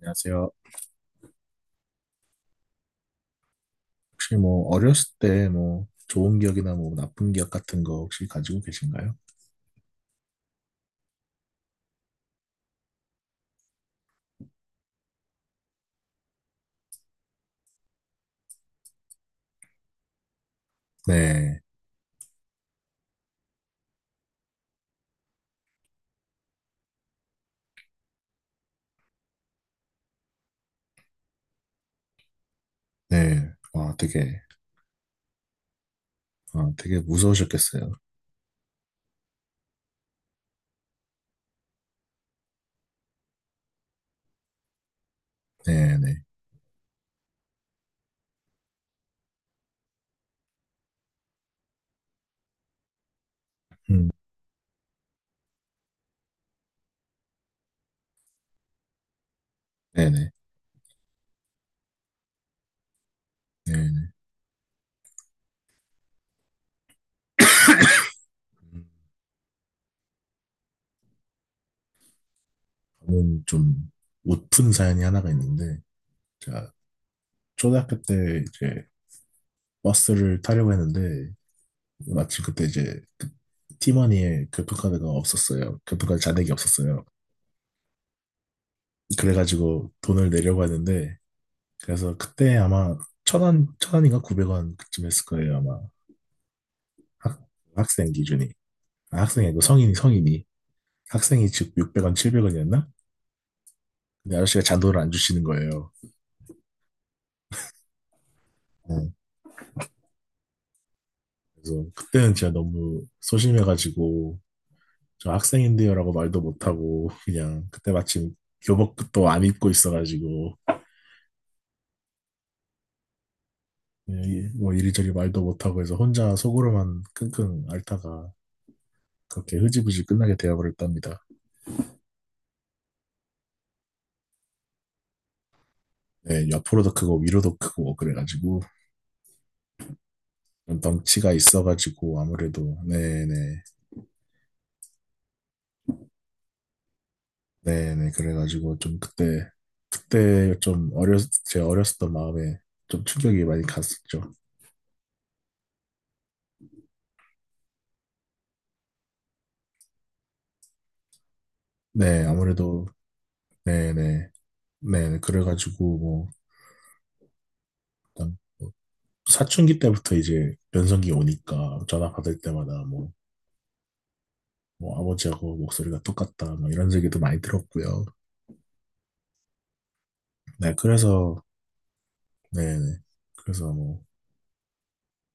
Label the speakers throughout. Speaker 1: 안녕하세요. 혹시 뭐 어렸을 때 뭐 좋은 기억이나 뭐 나쁜 기억 같은 거 혹시 가지고 계신가요? 네, 네. 와, 되게, 아, 되게 무서우셨겠어요. 네, 네. 음, 네, 네, 네, 네. 음, 저는 좀 웃픈 사연이 하나가 있는데, 제가 초등학교 때 이제 버스를 타려고 했는데 마침 그때 이제 그 티머니에 교통카드가 없었어요. 교통카드 잔액이 없었어요. 그래가지고 돈을 내려고 하는데, 그래서 그때 아마 1,000원, 1,000원인가 900원 그쯤 했을 거예요, 아마. 학, 학생 기준이. 아, 학생이 아니고 성인이. 학생이 즉 600원, 700원이었나? 근데 아저씨가 잔돈을 안 주시는 거예요. 네. 그래서 그때는 제가 너무 소심해가지고, 저 학생인데요라고 말도 못하고, 그냥 그때 마침 교복도 안 입고 있어가지고, 예, 뭐 이리저리 말도 못하고 해서 혼자 속으로만 끙끙 앓다가 그렇게 흐지부지 끝나게 되어버렸답니다. 네, 옆으로도 크고 위로도 크고 뭐 그래가지고. 덩치가 있어가지고 아무래도. 네네, 네네. 그래가지고 좀 그때, 그때 좀 어렸 제 어렸었던 마음에 좀 충격이 많이 갔었죠. 네, 아무래도. 네네. 네, 그래가지고 뭐 일단 뭐 사춘기 때부터 이제 변성기 오니까 전화 받을 때마다 뭐, 뭐 아버지하고 목소리가 똑같다 뭐 이런 얘기도 많이 들었고요. 네, 그래서. 네네. 그래서 뭐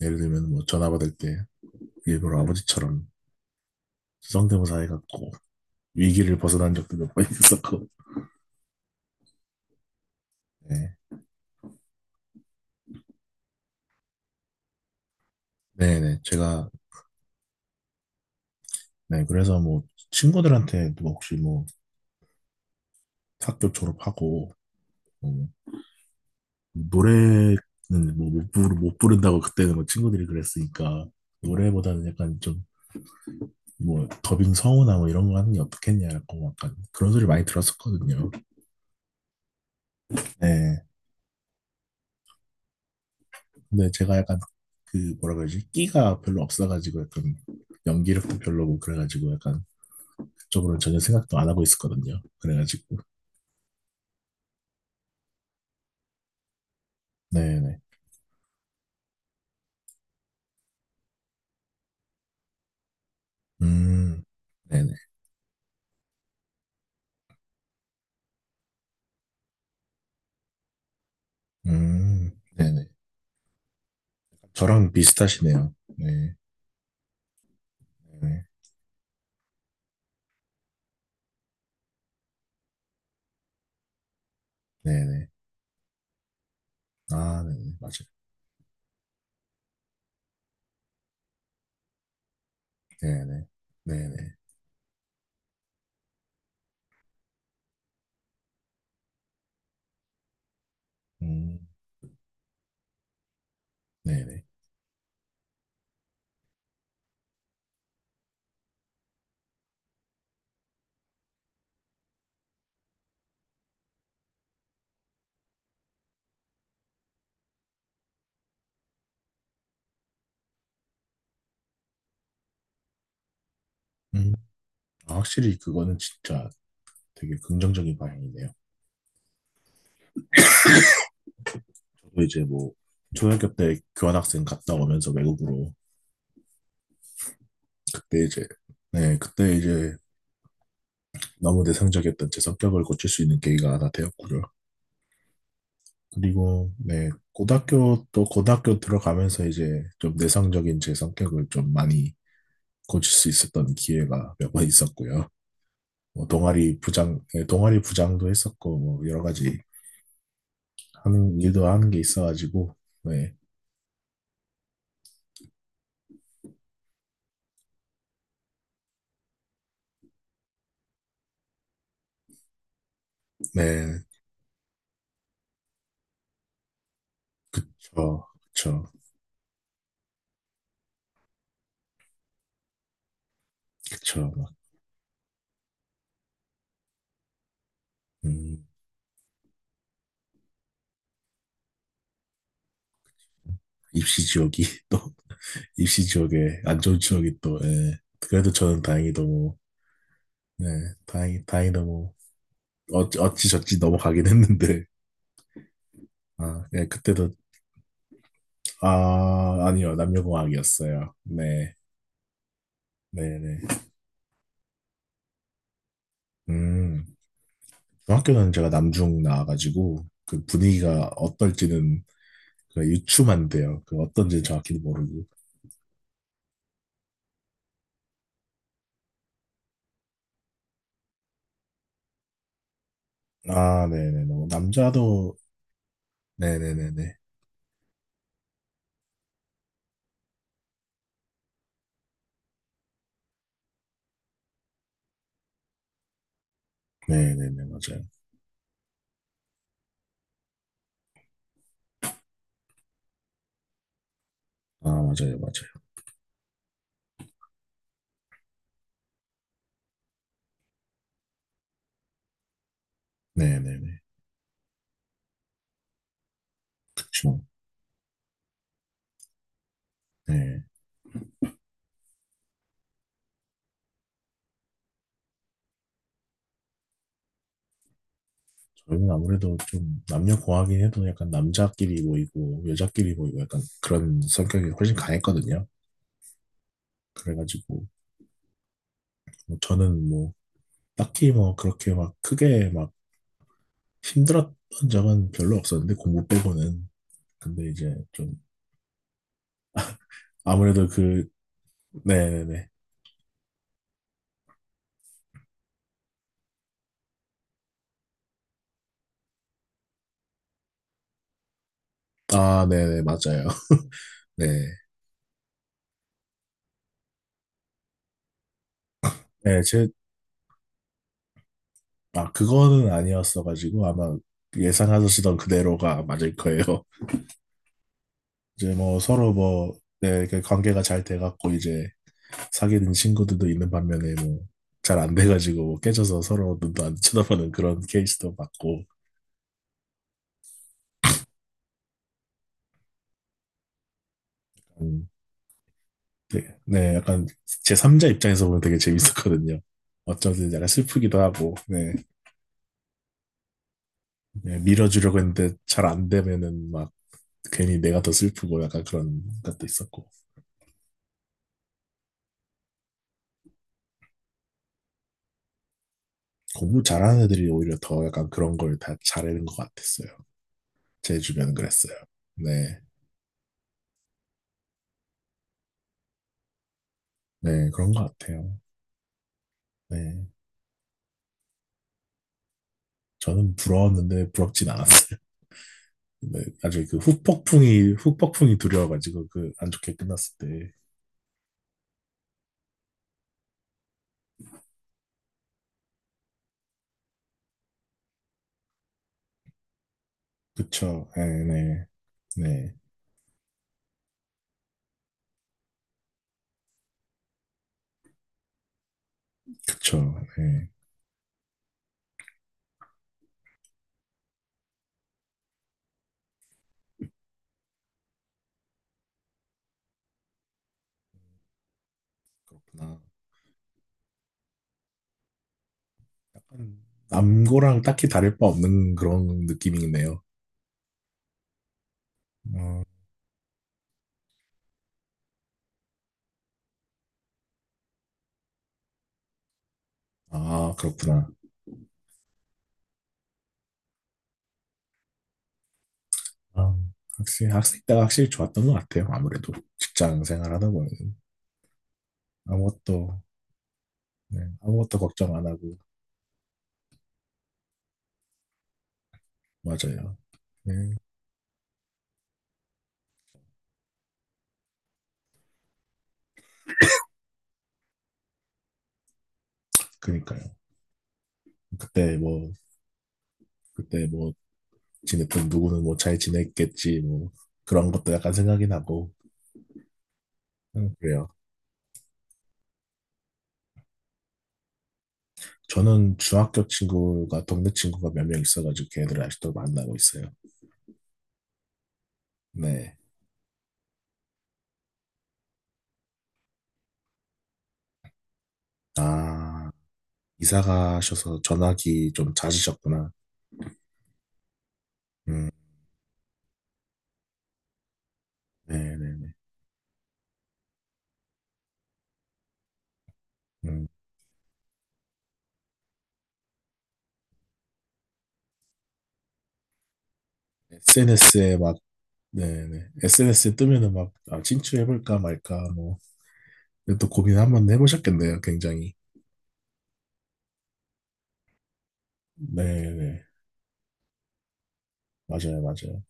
Speaker 1: 예를 들면 뭐 전화 받을 때 일부러 아버지처럼 성대모사 해갖고 위기를 벗어난 적도 몇 번 있었고. 네. 네네. 제가, 네. 그래서 뭐, 친구들한테 뭐 혹시 뭐, 학교 졸업하고, 뭐 노래는 뭐, 못 부른다고 그때는 뭐 친구들이 그랬으니까, 노래보다는 약간 좀, 뭐, 더빙 성우나 뭐 이런 거 하는 게 어떻겠냐고 약간 그런 소리 많이 들었었거든요. 네. 근데 제가 약간 그 뭐라 그러지? 끼가 별로 없어가지고, 약간 연기력도 별로고 그래가지고 약간 그쪽으로는 전혀 생각도 안 하고 있었거든요. 그래가지고. 네네. 음, 네네. 네네. 저랑 비슷하시네요. 네, 네네. 네, 네네. 아, 네네. 맞아요. 네네. 네네. 음, 네네. 음, 아, 확실히 그거는 진짜 되게 긍정적인 방향이네요. 저도 이제 뭐, 초등학교 때 교환학생 갔다 오면서 외국으로, 그때 이제, 네, 그때 이제 너무 내성적이었던 제 성격을 고칠 수 있는 계기가 하나 되었고요. 그리고, 네, 고등학교 들어가면서 이제 좀 내성적인 제 성격을 좀 많이 고칠 수 있었던 기회가 몇 번 있었고요. 뭐 동아리 부장, 예, 동아리 부장도 했었고, 뭐 여러 가지 하는 게 있어가지고, 네, 네, 저, 저, 그쵸, 막, 음, 입시 지옥이 또, 입시 지옥에 안 좋은 지옥이 또, 예. 그래도 저는 다행히 너무, 네, 다행히 너무, 어찌저찌 넘어가긴 했는데, 아, 예, 그때도, 아, 아니요, 남녀공학이었어요. 네, 네, 네. 음. 중학교는 제가 남중 나와가지고 그 분위기가 어떨지는 그 유추만돼요. 그 어떤지 정확히도 모르고. 아, 네네. 너무 남자도. 네네네네. 네네네, 맞아요. 아, 맞아요, 맞아요. 네네네. 그쵸. 네. 저희는 아무래도 좀 남녀 공학이 해도 약간 남자끼리 모이고 여자끼리 모이고 약간 그런 성격이 훨씬 강했거든요. 그래가지고 뭐 저는 뭐 딱히 뭐 그렇게 막 크게 막 힘들었던 적은 별로 없었는데, 공부 빼고는. 근데 이제 좀 아무래도 그. 네네네. 아, 네네, 맞아요. 네네제아, 그거는 아니었어가지고 아마 예상하시던 그대로가 맞을 거예요. 이제 뭐 서로 뭐, 네, 그 관계가 잘 돼갖고 이제 사귀는 친구들도 있는 반면에 뭐 잘 안 돼가지고 뭐 깨져서 서로 눈도 안 쳐다보는 그런 케이스도 봤고. 음, 네, 네, 약간 제3자 입장에서 보면 되게 재밌었거든요. 어쩌든 약간 슬프기도 하고. 네, 네, 밀어주려고 했는데 잘 안 되면은 막 괜히 내가 더 슬프고 약간 그런 것도 있었고. 공부 잘하는 애들이 오히려 더 약간 그런 걸 다 잘하는 것 같았어요. 제 주변은 그랬어요. 네, 네, 그런 것 같아요. 네, 저는 부러웠는데 부럽진 않았어요. 네, 나중에 그 후폭풍이 두려워가지고, 그 안 좋게 끝났을 때. 그쵸, 네, 네, 네, 그쵸, 네, 그렇구나. 약간 남고랑 딱히 다를 바 없는 그런 느낌이네요. 어, 아, 그렇구나. 아, 확실히 학생 때가 확실히 좋았던 것 같아요. 아무래도 직장 생활하다 보면 아무것도, 네, 아무것도 걱정 안 하고. 맞아요. 네, 그니까요. 그때 뭐 그때 뭐 지냈던 누구는 뭐 잘 지냈겠지 뭐 그런 것도 약간 생각이 나고. 그래요. 저는 중학교 친구가 동네 친구가 몇 명 있어가지고 걔들을 아직도 만나고 있어요. 네. 아, 이사 가셔서 전화기 좀 잦으셨구나. 음, 네네네. 음. SNS에 막, 네네. SNS에 뜨면은 막, 아, 출해볼까 말까, 뭐. 근데 또 고민 한번 해보셨겠네요, 굉장히. 네네. 맞아요, 맞아요.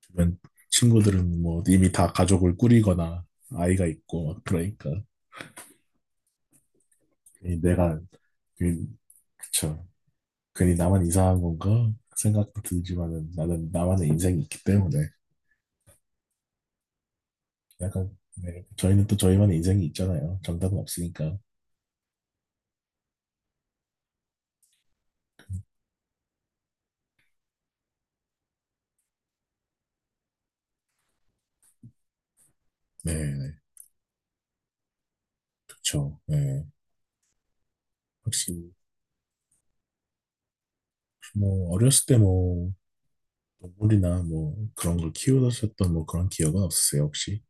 Speaker 1: 주변 친구들은 뭐, 이미 다 가족을 꾸리거나, 아이가 있고, 막 그러니까. 괜히 내가, 괜히, 그쵸. 괜히 나만 이상한 건가? 생각도 들지만은, 나는 나만의 인생이 있기 때문에. 약간, 네. 저희는 또 저희만의 인생이 있잖아요. 정답은 없으니까. 네네. 그쵸. 네. 혹시, 뭐, 어렸을 때 뭐, 동물이나 뭐 그런 걸 키우셨던 뭐 그런 기억은 없으세요, 혹시?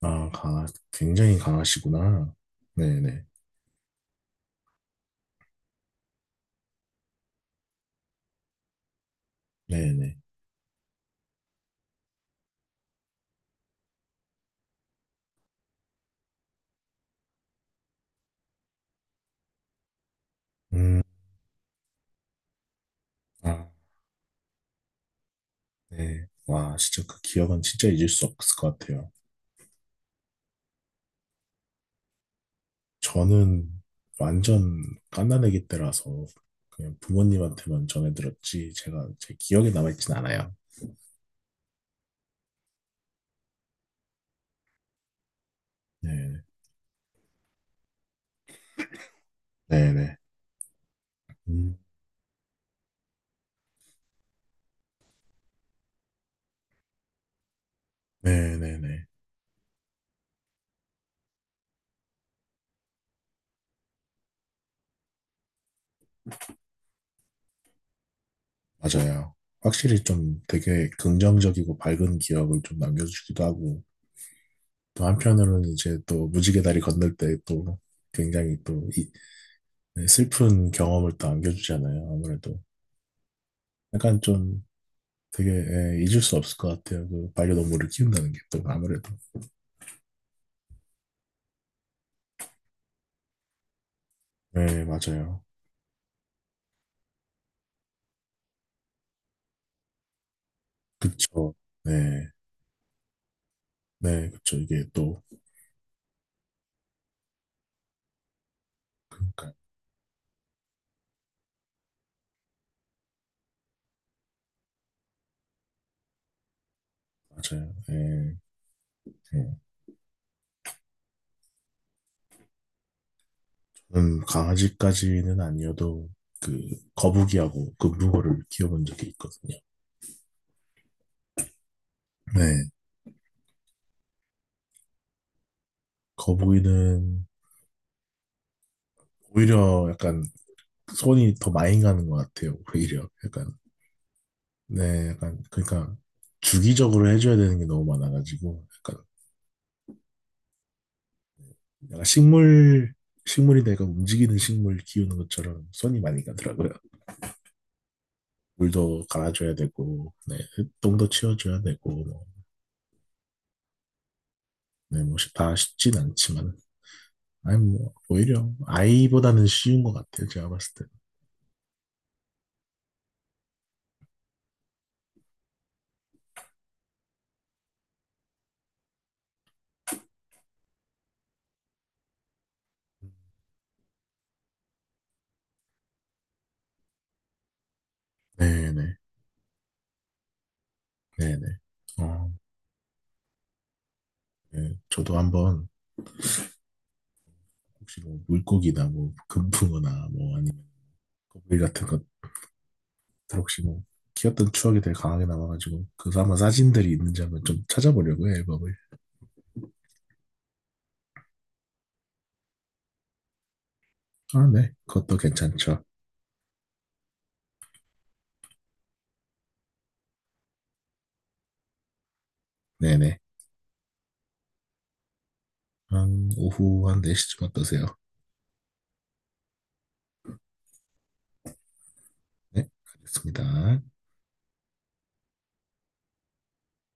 Speaker 1: 아, 강아, 굉장히 강하시구나. 네네, 네네. 음, 아, 네. 와, 진짜 그 기억은 진짜 잊을 수 없을 것 같아요. 저는 완전 갓난아기 때라서 그냥 부모님한테만 전해들었지, 제가 제 기억에 남아있진 않아요. 네네, 네네. 음, 네네네. 맞아요. 확실히 좀 되게 긍정적이고 밝은 기억을 좀 남겨주기도 하고, 또 한편으로는 이제 또 무지개 다리 건널 때 또 굉장히 또 이- 네, 슬픈 경험을 또 안겨주잖아요. 아무래도. 약간 좀 되게, 예, 잊을 수 없을 것 같아요. 그 반려동물을 키운다는 게 또 아무래도. 네, 맞아요. 그쵸. 네, 네, 그쵸. 이게 또 그러니까. 맞아요. 예, 예. 저는 강아지까지는 아니어도 그 거북이하고 그붕어를 키워본 적이 있거든요. 네, 거북이는 오히려 약간 손이 더 많이 가는 것 같아요, 오히려. 약간, 네, 약간, 그러니까, 주기적으로 해줘야 되는 게 너무 많아가지고, 약간, 약간 식물, 식물이 내가 움직이는 식물 키우는 것처럼 손이 많이 가더라고요. 물도 갈아줘야 되고, 네, 똥도 치워줘야 되고, 뭐, 네, 뭐, 시- 다 쉽진 않지만, 아니, 뭐, 오히려 아이보다는 쉬운 것 같아요, 제가 봤을 때. 네네, 네네. 어, 네. 저도 한번 혹시 뭐 물고기나 뭐 금붕어나 뭐, 아니 거북이 같은 것들 혹시 뭐 귀엽던 추억이 되게 강하게 남아가지고, 그래서 아마 사진들이 있는지 한번 좀 찾아보려고요, 앨범을. 아, 네, 그것도 괜찮죠. 네네. 한 오후 한 4시쯤 어떠세요? 네, 알겠습니다.